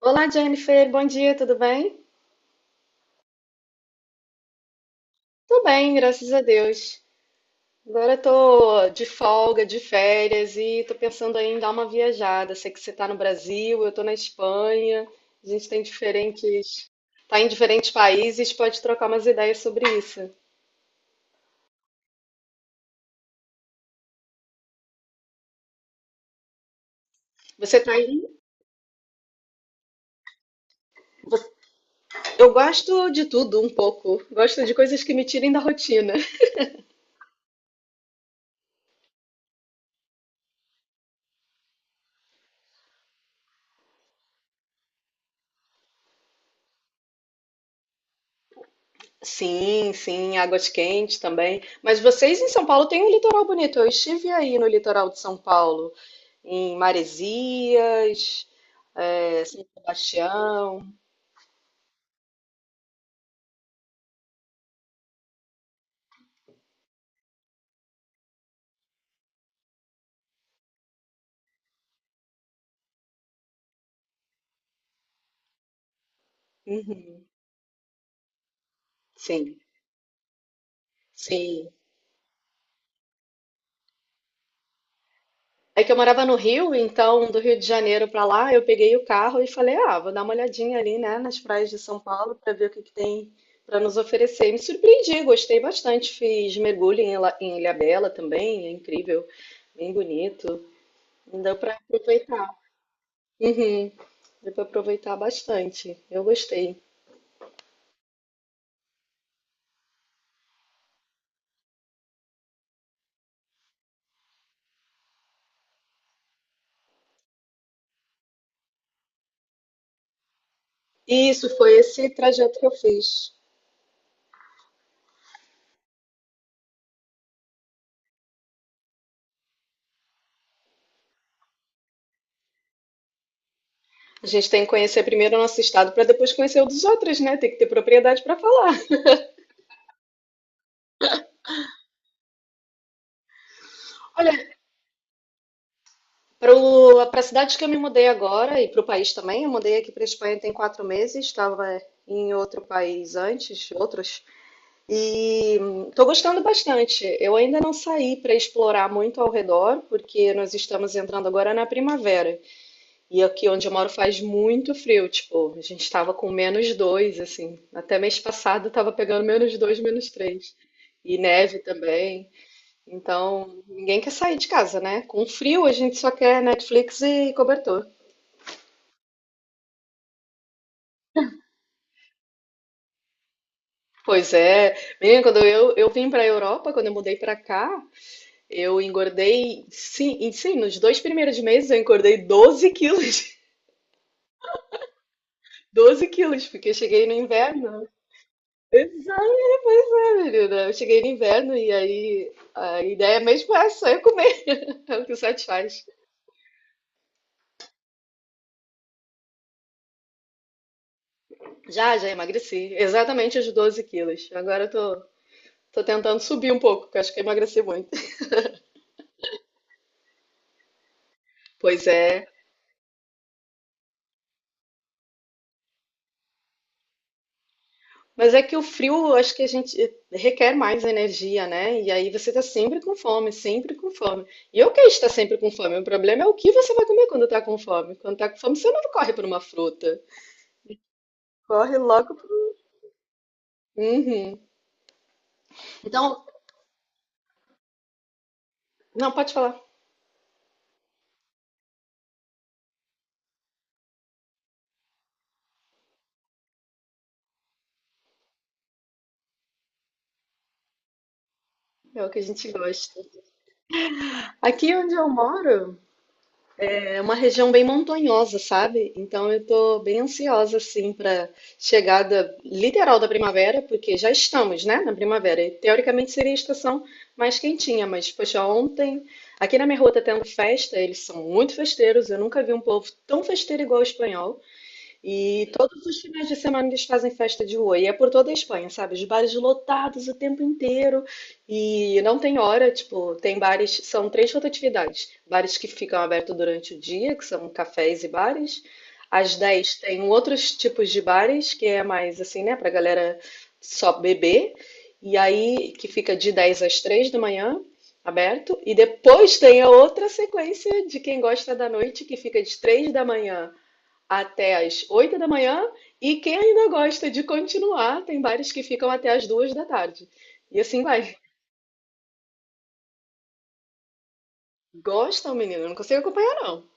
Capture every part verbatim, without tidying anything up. Olá, Jennifer. Bom dia, tudo bem? Tô bem, graças a Deus. Agora tô de folga, de férias e tô pensando aí em dar uma viajada. Sei que você tá no Brasil, eu tô na Espanha. A gente tem diferentes, tá em diferentes países, pode trocar umas ideias sobre isso. Você tá aí? Eu gosto de tudo um pouco. Gosto de coisas que me tirem da rotina. Sim, sim, águas quentes também. Mas vocês em São Paulo têm um litoral bonito. Eu estive aí no litoral de São Paulo, em Maresias, eh, São Sebastião. Uhum. Sim, sim. É que eu morava no Rio, então do Rio de Janeiro para lá, eu peguei o carro e falei: ah, vou dar uma olhadinha ali, né, nas praias de São Paulo para ver o que que tem para nos oferecer. Me surpreendi, gostei bastante. Fiz mergulho em Ila- em Ilhabela também, é incrível, bem bonito. Não deu para aproveitar. Uhum. Deu para aproveitar bastante. Eu gostei. E isso foi esse trajeto que eu fiz. A gente tem que conhecer primeiro o nosso estado para depois conhecer o dos outros, né? Tem que ter propriedade para falar. Olha, para a cidade que eu me mudei agora e para o país também, eu mudei aqui para a Espanha tem quatro meses, estava em outro país antes, outros, e estou gostando bastante. Eu ainda não saí para explorar muito ao redor, porque nós estamos entrando agora na primavera. E aqui onde eu moro faz muito frio, tipo, a gente tava com menos dois, assim. Até mês passado tava pegando menos dois, menos três. E neve também. Então, ninguém quer sair de casa, né? Com frio a gente só quer Netflix e cobertor. Pois é. Menina, quando eu, eu vim para a Europa, quando eu mudei para cá, eu engordei, sim, e sim, nos dois primeiros meses eu engordei doze quilos. doze quilos, porque eu cheguei no inverno. Pois é, pois é, menina. Eu cheguei no inverno e aí a ideia mesmo é só eu comer, é o que satisfaz. Já, já emagreci, exatamente os 12 quilos. Agora eu tô, tô tentando subir um pouco, porque eu acho que eu emagreci muito. Pois é, mas é que o frio, eu acho que a gente requer mais energia, né? E aí você tá sempre com fome, sempre com fome. E eu quero estar sempre com fome, o problema é o que você vai comer quando tá com fome. Quando tá com fome, você não corre por uma fruta. Corre logo. pro- Uhum. Então, não, pode falar. É o que a gente gosta. Aqui onde eu moro é uma região bem montanhosa, sabe? Então eu tô bem ansiosa assim para chegada literal da primavera, porque já estamos, né, na primavera. E, teoricamente seria a estação mais quentinha, mas poxa, ontem aqui na minha rua tá tendo festa, eles são muito festeiros. Eu nunca vi um povo tão festeiro igual o espanhol. E todos os finais de semana eles fazem festa de rua. E é por toda a Espanha, sabe? Os bares lotados o tempo inteiro. E não tem hora, tipo, tem bares, são três rotatividades. Bares que ficam abertos durante o dia, que são cafés e bares. Às dez tem outros tipos de bares, que é mais assim, né, pra galera só beber. E aí, que fica de dez às três da manhã, aberto. E depois tem a outra sequência de quem gosta da noite, que fica de três da manhã até as oito da manhã, e quem ainda gosta de continuar, tem bares que ficam até as duas da tarde. E assim vai. Gostam, menino? Eu não consigo acompanhar, não.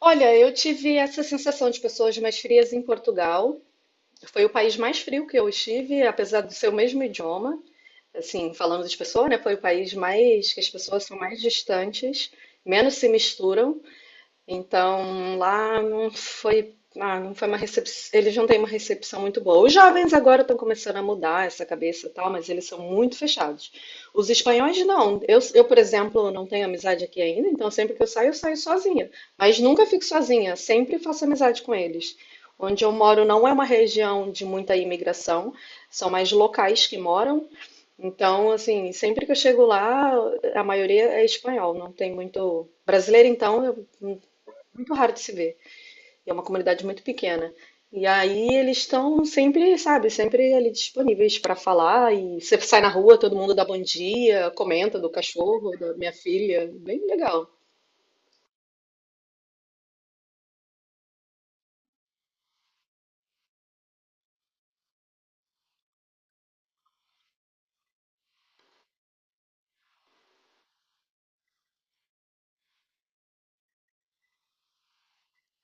Olha, eu tive essa sensação de pessoas mais frias em Portugal. Foi o país mais frio que eu estive, apesar do seu mesmo idioma. Assim, falando das pessoas, né? Foi o país mais que as pessoas são mais distantes, menos se misturam. Então, lá não foi, ah, não foi uma recepção, eles não têm uma recepção muito boa. Os jovens agora estão começando a mudar essa cabeça e tal, mas eles são muito fechados. Os espanhóis não. Eu, eu, por exemplo, não tenho amizade aqui ainda, então sempre que eu saio, eu saio sozinha. Mas nunca fico sozinha, sempre faço amizade com eles. Onde eu moro não é uma região de muita imigração, são mais locais que moram. Então, assim, sempre que eu chego lá, a maioria é espanhol, não tem muito. Brasileiro, então, eu muito raro de se ver. E é uma comunidade muito pequena. E aí eles estão sempre, sabe, sempre ali disponíveis para falar. E você sai na rua, todo mundo dá bom dia, comenta do cachorro, da minha filha. Bem legal.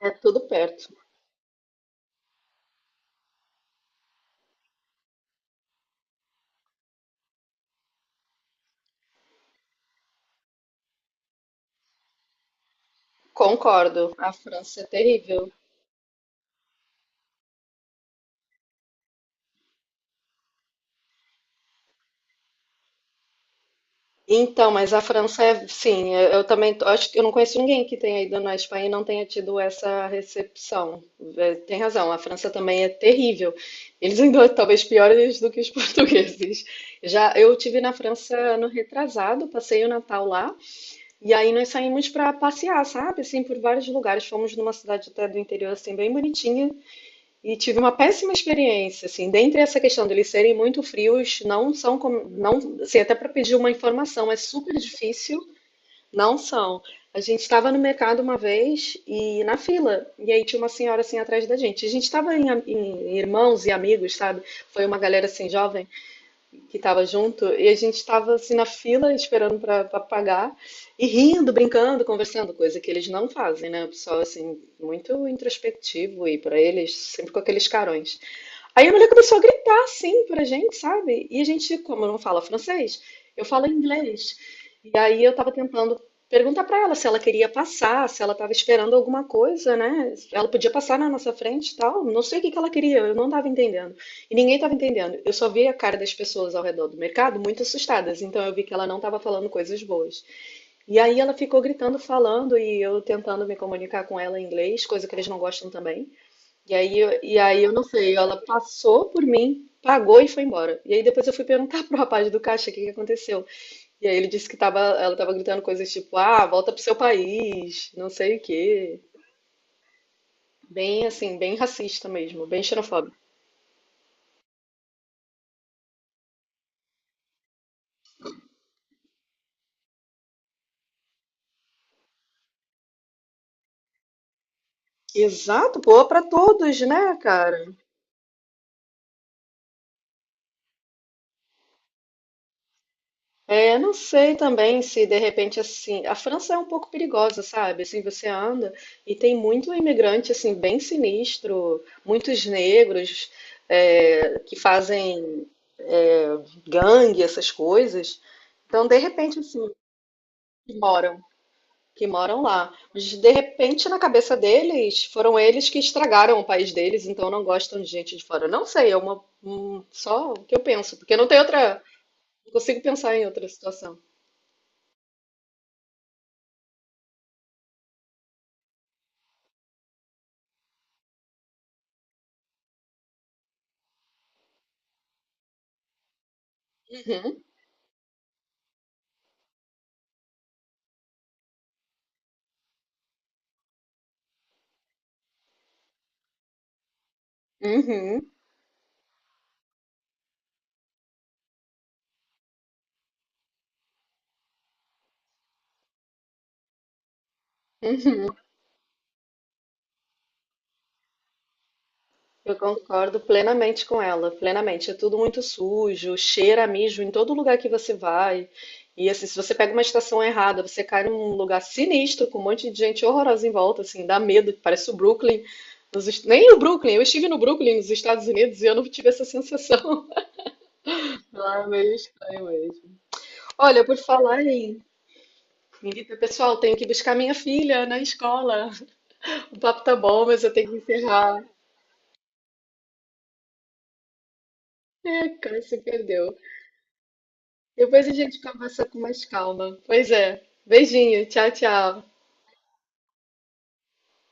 É tudo perto. Concordo, a França é terrível. Então, mas a França é, sim, eu eu também tô- acho que eu não conheço ninguém que tenha ido na Espanha e não tenha tido essa recepção. É, tem razão, a França também é terrível. Eles ainda talvez piores do que os portugueses. Já eu tive na França ano retrasado, passei o Natal lá e aí nós saímos para passear, sabe? Assim, por vários lugares. Fomos numa cidade até do interior assim bem bonitinha e tive uma péssima experiência, assim, dentre essa questão deles serem muito frios, não são como, não, assim, até para pedir uma informação é super difícil, não são. A gente estava no mercado uma vez e na fila, e aí tinha uma senhora assim atrás da gente. A gente estava em, am- em irmãos e amigos, sabe? Foi uma galera assim jovem que estava junto, e a gente estava assim na fila esperando para pagar e rindo, brincando, conversando, coisa que eles não fazem, né? O pessoal assim muito introspectivo e para eles sempre com aqueles carões. Aí a mulher começou a gritar assim pra gente, sabe? E a gente, como eu não falo francês, eu falo inglês. E aí eu tava tentando perguntar pra ela se ela queria passar, se ela tava esperando alguma coisa, né? Ela podia passar na nossa frente e tal. Não sei o que que ela queria, eu não tava entendendo. E ninguém tava entendendo. Eu só vi a cara das pessoas ao redor do mercado muito assustadas, então eu vi que ela não tava falando coisas boas. E aí ela ficou gritando, falando, e eu tentando me comunicar com ela em inglês, coisa que eles não gostam também. E aí, eu- e aí eu não sei, ela passou por mim, pagou e foi embora. E aí depois eu fui perguntar pro rapaz do caixa o que que aconteceu. E aí ele disse que tava, ela tava gritando coisas tipo, ah, volta pro seu país, não sei o quê. Bem assim, bem racista mesmo, bem xenofóbico. Exato, pô, pra todos, né, cara? É, não sei também se de repente assim, a França é um pouco perigosa, sabe? Assim, você anda e tem muito imigrante assim bem sinistro, muitos negros é, que fazem é, gangue, essas coisas. Então, de repente assim, que moram, que moram lá. Mas de repente na cabeça deles foram eles que estragaram o país deles, então não gostam de gente de fora. Não sei, é uma um- só o que eu penso, porque não tem outra, não consigo pensar em outra situação. Uhum. Uhum, uhum. Eu concordo plenamente com ela, plenamente. É tudo muito sujo, cheira a mijo em todo lugar que você vai. E assim, se você pega uma estação errada, você cai num lugar sinistro com um monte de gente horrorosa em volta, assim, dá medo, parece o Brooklyn. nos est- Nem o Brooklyn, eu estive no Brooklyn, nos Estados Unidos, e eu não tive essa sensação. Lá é meio estranho mesmo. Olha, por falar em. Menina, pessoal, tenho que buscar minha filha na escola. O papo tá bom, mas eu tenho que encerrar. É, cara, se perdeu. Depois a gente conversa com mais calma. Pois é. Beijinho. Tchau, tchau.